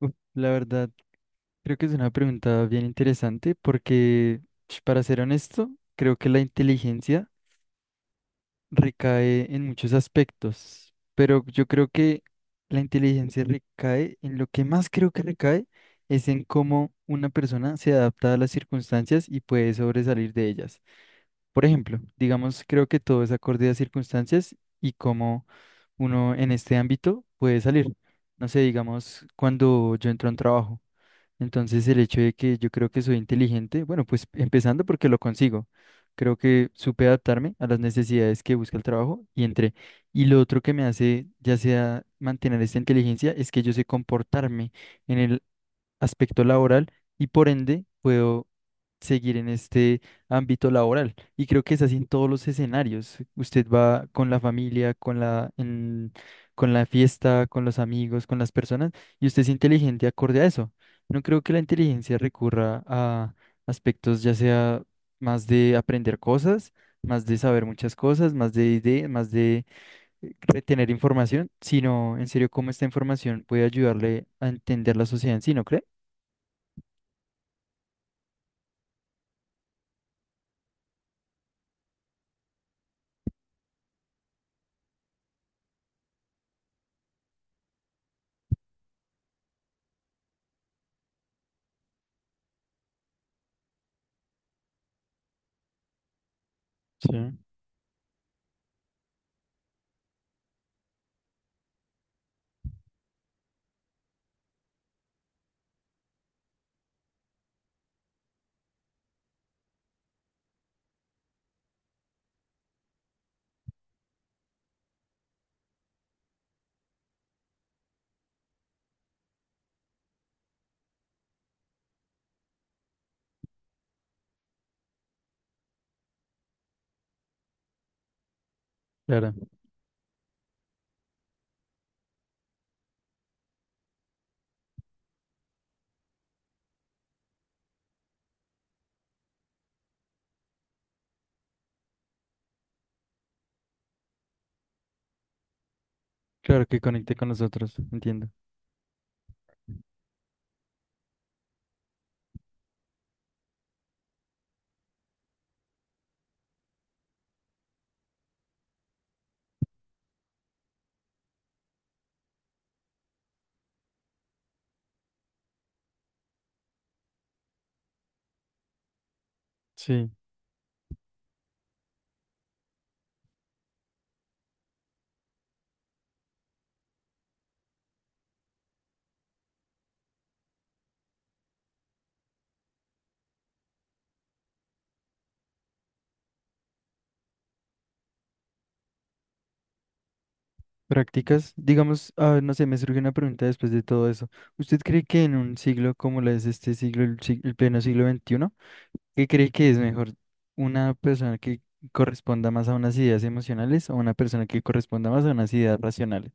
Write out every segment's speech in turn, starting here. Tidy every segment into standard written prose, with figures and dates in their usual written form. Uf, la verdad, creo que es una pregunta bien interesante porque, para ser honesto, creo que la inteligencia recae en muchos aspectos, pero yo creo que la inteligencia recae en lo que más creo que recae es en cómo una persona se adapta a las circunstancias y puede sobresalir de ellas. Por ejemplo, digamos, creo que todo es acorde a circunstancias y cómo uno en este ámbito puede salir. No sé, digamos, cuando yo entro a un trabajo. Entonces el hecho de que yo creo que soy inteligente, bueno, pues empezando porque lo consigo, creo que supe adaptarme a las necesidades que busca el trabajo y entré. Y lo otro que me hace ya sea mantener esta inteligencia es que yo sé comportarme en el aspecto laboral y por ende puedo seguir en este ámbito laboral. Y creo que es así en todos los escenarios. Usted va con la familia, con la fiesta, con los amigos, con las personas, y usted es inteligente acorde a eso. No creo que la inteligencia recurra a aspectos ya sea más de aprender cosas, más de saber muchas cosas, más de ideas, más de retener información, sino en serio cómo esta información puede ayudarle a entender la sociedad en sí, ¿no cree? Sí, claro, claro que conecte con nosotros, entiendo. Sí, prácticas, digamos, ah, no sé, me surge una pregunta después de todo eso. ¿Usted cree que en un siglo como lo es este siglo, el pleno siglo XXI, qué cree que es mejor una persona que corresponda más a unas ideas emocionales o una persona que corresponda más a unas ideas racionales?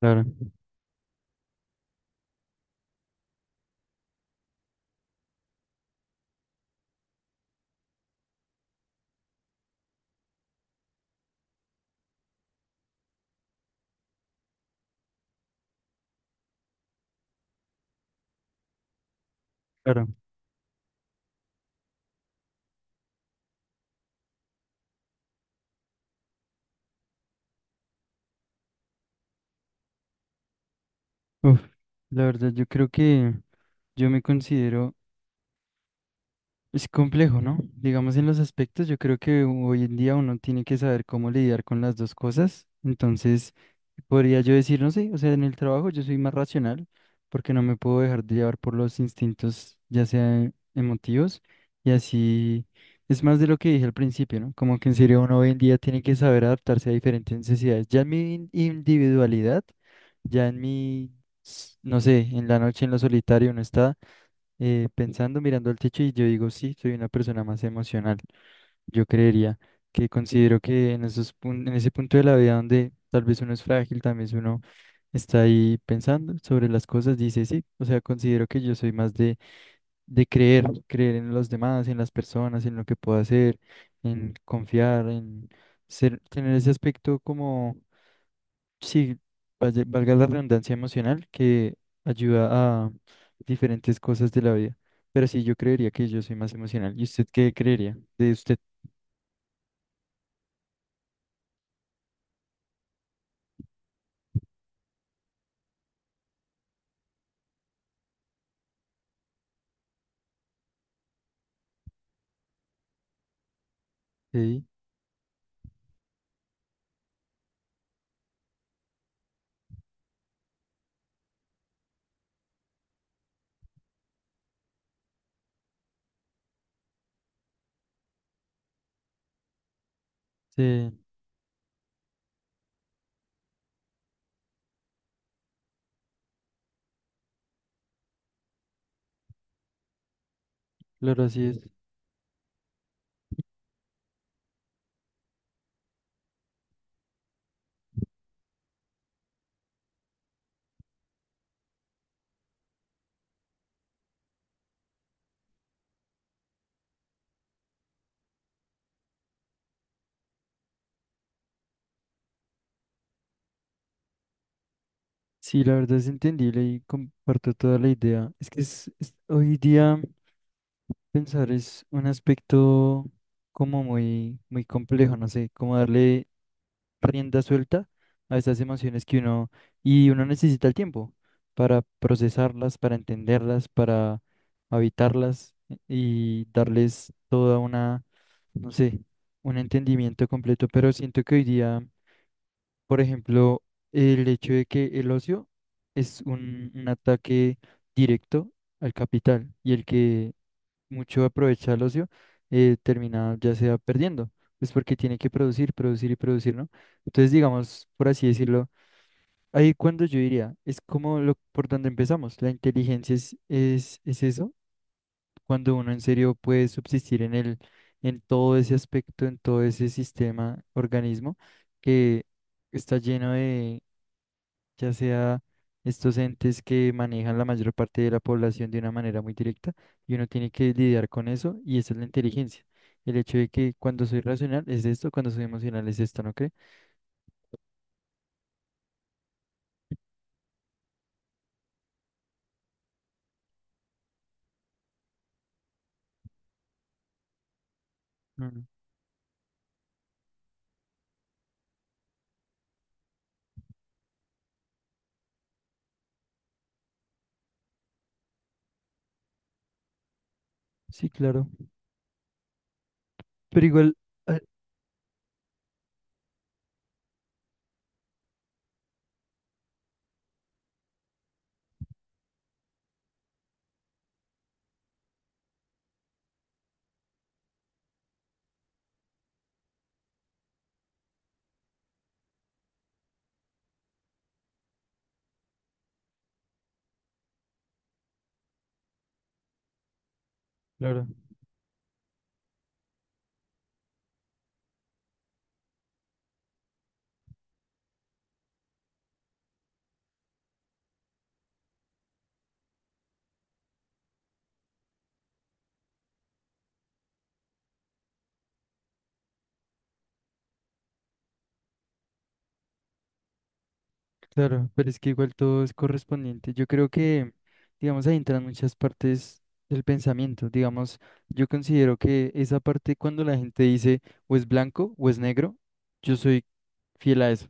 Claro, claro. Uf, la verdad, yo creo que yo me considero, es complejo, ¿no? Digamos, en los aspectos, yo creo que hoy en día uno tiene que saber cómo lidiar con las dos cosas. Entonces... Podría yo decir, no sé, o sea, en el trabajo yo soy más racional porque no me puedo dejar de llevar por los instintos, ya sea emotivos, y así es más de lo que dije al principio, ¿no? Como que en serio uno hoy en día tiene que saber adaptarse a diferentes necesidades. Individualidad, ya en mi, no sé, en la noche en lo solitario uno está pensando, mirando al techo y yo digo, sí, soy una persona más emocional. Yo creería que considero que en en ese punto de la vida donde tal vez uno es frágil, también vez uno está ahí pensando sobre las cosas, dice sí, o sea, considero que yo soy más de creer, creer en los demás, en las personas, en lo que puedo hacer, en confiar, en ser, tener ese aspecto como, sí, valga la redundancia emocional que ayuda a diferentes cosas de la vida. Pero sí, yo creería que yo soy más emocional. ¿Y usted qué creería de usted? Sí, sí. Claro, así es. Sí, la verdad es entendible y comparto toda la idea. Es que hoy día pensar es un aspecto como muy, muy complejo, no sé, como darle rienda suelta a esas emociones que uno, y uno necesita el tiempo para procesarlas, para entenderlas, para habitarlas y darles toda una, no sé, un entendimiento completo. Pero siento que hoy día. Por ejemplo, el hecho de que el ocio es un ataque directo al capital y el que mucho aprovecha el ocio termina ya sea perdiendo, pues porque tiene que producir, producir y producir, ¿no? Entonces, digamos, por así decirlo, ahí cuando yo diría, es como por donde empezamos, la inteligencia es eso, cuando uno en serio puede subsistir en todo ese aspecto, en todo ese sistema, organismo, que está lleno de ya sea estos entes que manejan la mayor parte de la población de una manera muy directa, y uno tiene que lidiar con eso, y esa es la inteligencia. El hecho de que cuando soy racional es esto, cuando soy emocional es esto, ¿no cree? Mm, sí, claro. Pero igual, ah, claro. Claro, pero es que igual todo es correspondiente. Yo creo que, digamos, ahí entran muchas partes del pensamiento. Digamos, yo considero que esa parte cuando la gente dice o es blanco o es negro, yo soy fiel a eso.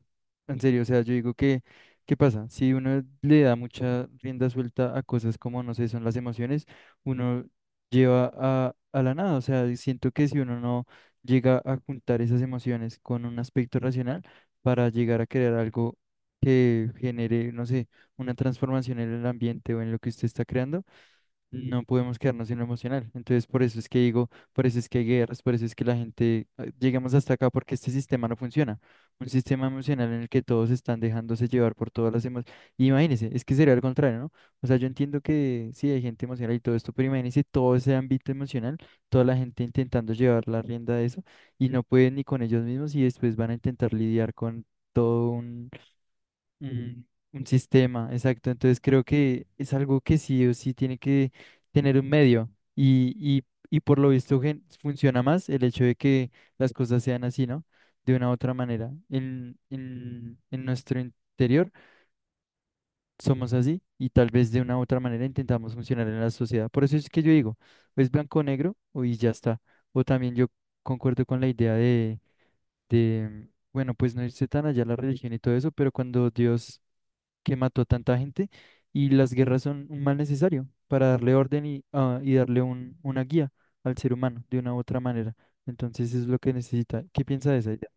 En serio, o sea, yo digo que, ¿qué pasa? Si uno le da mucha rienda suelta a cosas como, no sé, son las emociones, uno lleva a la nada. O sea, siento que si uno no llega a juntar esas emociones con un aspecto racional, para llegar a crear algo que genere, no sé, una transformación en el ambiente o en lo que usted está creando, no podemos quedarnos en lo emocional. Entonces, por eso es que digo, por eso es que hay guerras, por eso es que la gente, llegamos hasta acá porque este sistema no funciona. Un sistema emocional en el que todos están dejándose llevar por todas las emociones. Imagínense, es que sería al contrario, ¿no? O sea, yo entiendo que sí hay gente emocional y todo esto, pero imagínense todo ese ámbito emocional, toda la gente intentando llevar la rienda de eso y no pueden ni con ellos mismos y después van a intentar lidiar con todo. Mm, un sistema, exacto. Entonces creo que es algo que sí o sí tiene que tener un medio y por lo visto funciona más el hecho de que las cosas sean así, ¿no? De una u otra manera. En nuestro interior somos así y tal vez de una u otra manera intentamos funcionar en la sociedad. Por eso es que yo digo, o es blanco o negro o y ya está. O también yo concuerdo con la idea bueno, pues no irse tan allá la religión y todo eso, pero cuando Dios que mató a tanta gente y las guerras son un mal necesario para darle orden y, ah, y darle una guía al ser humano de una u otra manera. Entonces es lo que necesita. ¿Qué piensa de esa idea?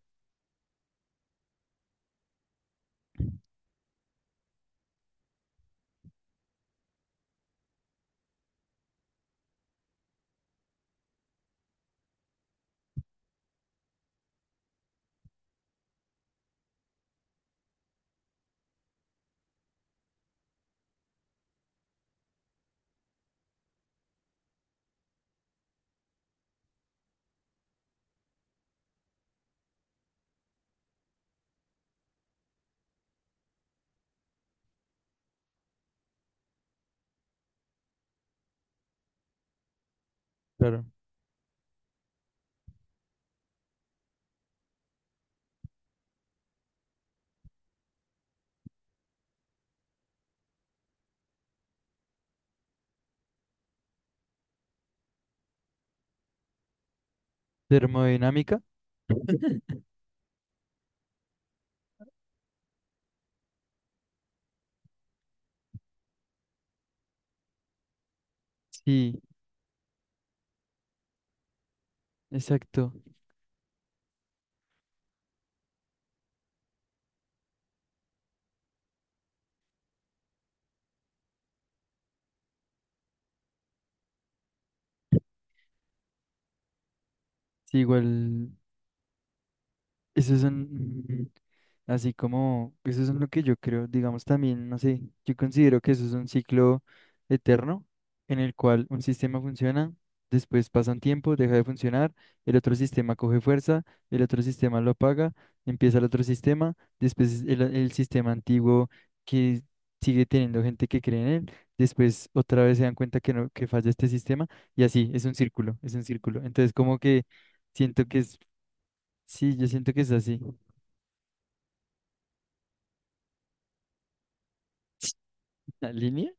Claro. Termodinámica. Sí, exacto. Sí, igual. Eso es un- Así como, eso es lo que yo creo, digamos también, no sé, yo considero que eso es un ciclo eterno en el cual un sistema funciona, después pasa un tiempo, deja de funcionar, el otro sistema coge fuerza, el otro sistema lo apaga, empieza el otro sistema, después el sistema antiguo que sigue teniendo gente que cree en él, después otra vez se dan cuenta que no, que falla este sistema y así, es un círculo, es un círculo. Entonces como que siento que es, sí, yo siento que es así. ¿La línea?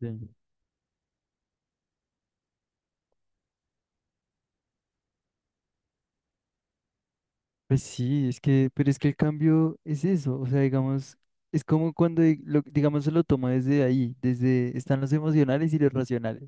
Sí. Pues sí, es que, pero es que el cambio es eso, o sea, digamos, es como cuando, digamos, se lo toma desde ahí, desde, están los emocionales y los racionales.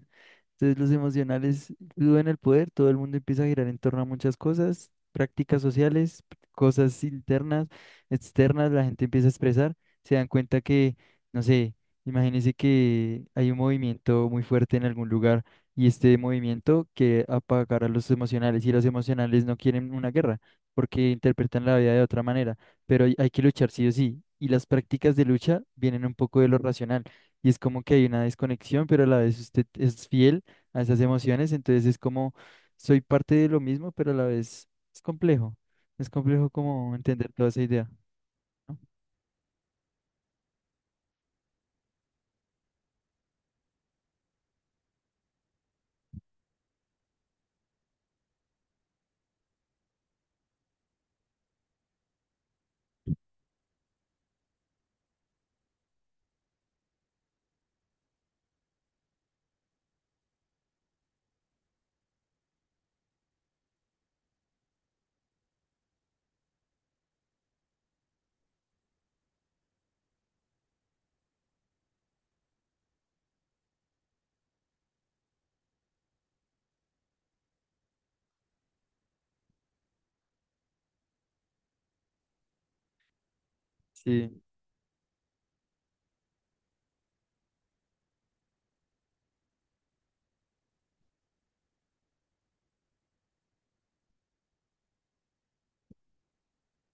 Entonces los emocionales suben el poder, todo el mundo empieza a girar en torno a muchas cosas, prácticas sociales, cosas internas, externas, la gente empieza a expresar, se dan cuenta que, no sé, imagínense que hay un movimiento muy fuerte en algún lugar y este movimiento que apagar a los emocionales y los emocionales no quieren una guerra porque interpretan la vida de otra manera, pero hay que luchar sí o sí. Y las prácticas de lucha vienen un poco de lo racional. Y es como que hay una desconexión, pero a la vez usted es fiel a esas emociones, entonces es como soy parte de lo mismo, pero a la vez es complejo, es complejo como entender toda esa idea, ¿no? Sí,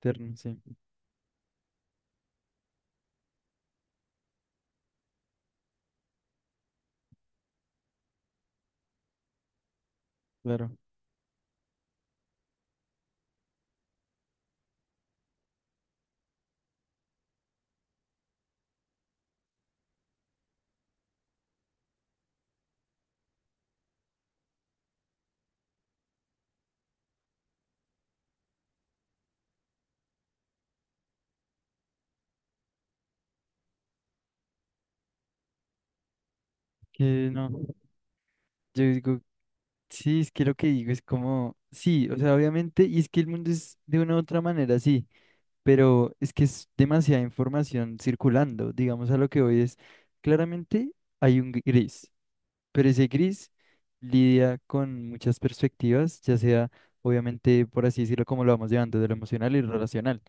terno, sí, claro. Que no, yo digo, sí, es que lo que digo es como, sí, o sea, obviamente, y es que el mundo es de una u otra manera, sí, pero es que es demasiada información circulando, digamos a lo que hoy es, claramente hay un gris. Pero ese gris lidia con muchas perspectivas, ya sea, obviamente, por así decirlo, como lo vamos llevando, de lo emocional y lo racional.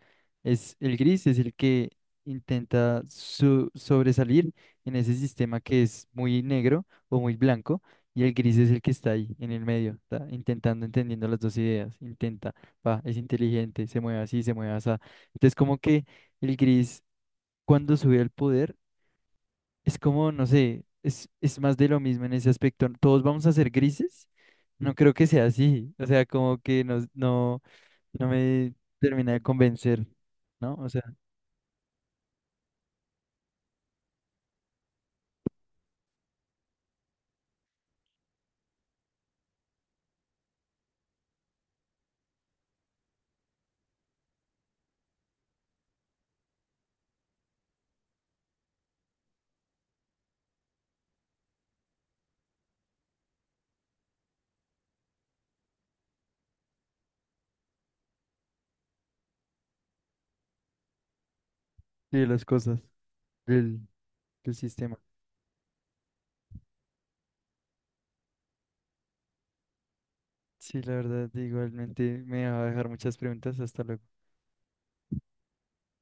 Es, el gris es el que intenta sobresalir en ese sistema que es muy negro o muy blanco, y el gris es el que está ahí, en el medio, intentando, entendiendo las dos ideas. Intenta, va, es inteligente, se mueve así, se mueve así. Entonces, como que el gris, cuando sube al poder, es como, no sé, es más de lo mismo en ese aspecto. Todos vamos a ser grises. No creo que sea así. O sea, como que no, no, no me termina de convencer, ¿no? O sea, de las cosas, del, del sistema. Sí, la verdad, igualmente me va a dejar muchas preguntas. Hasta luego.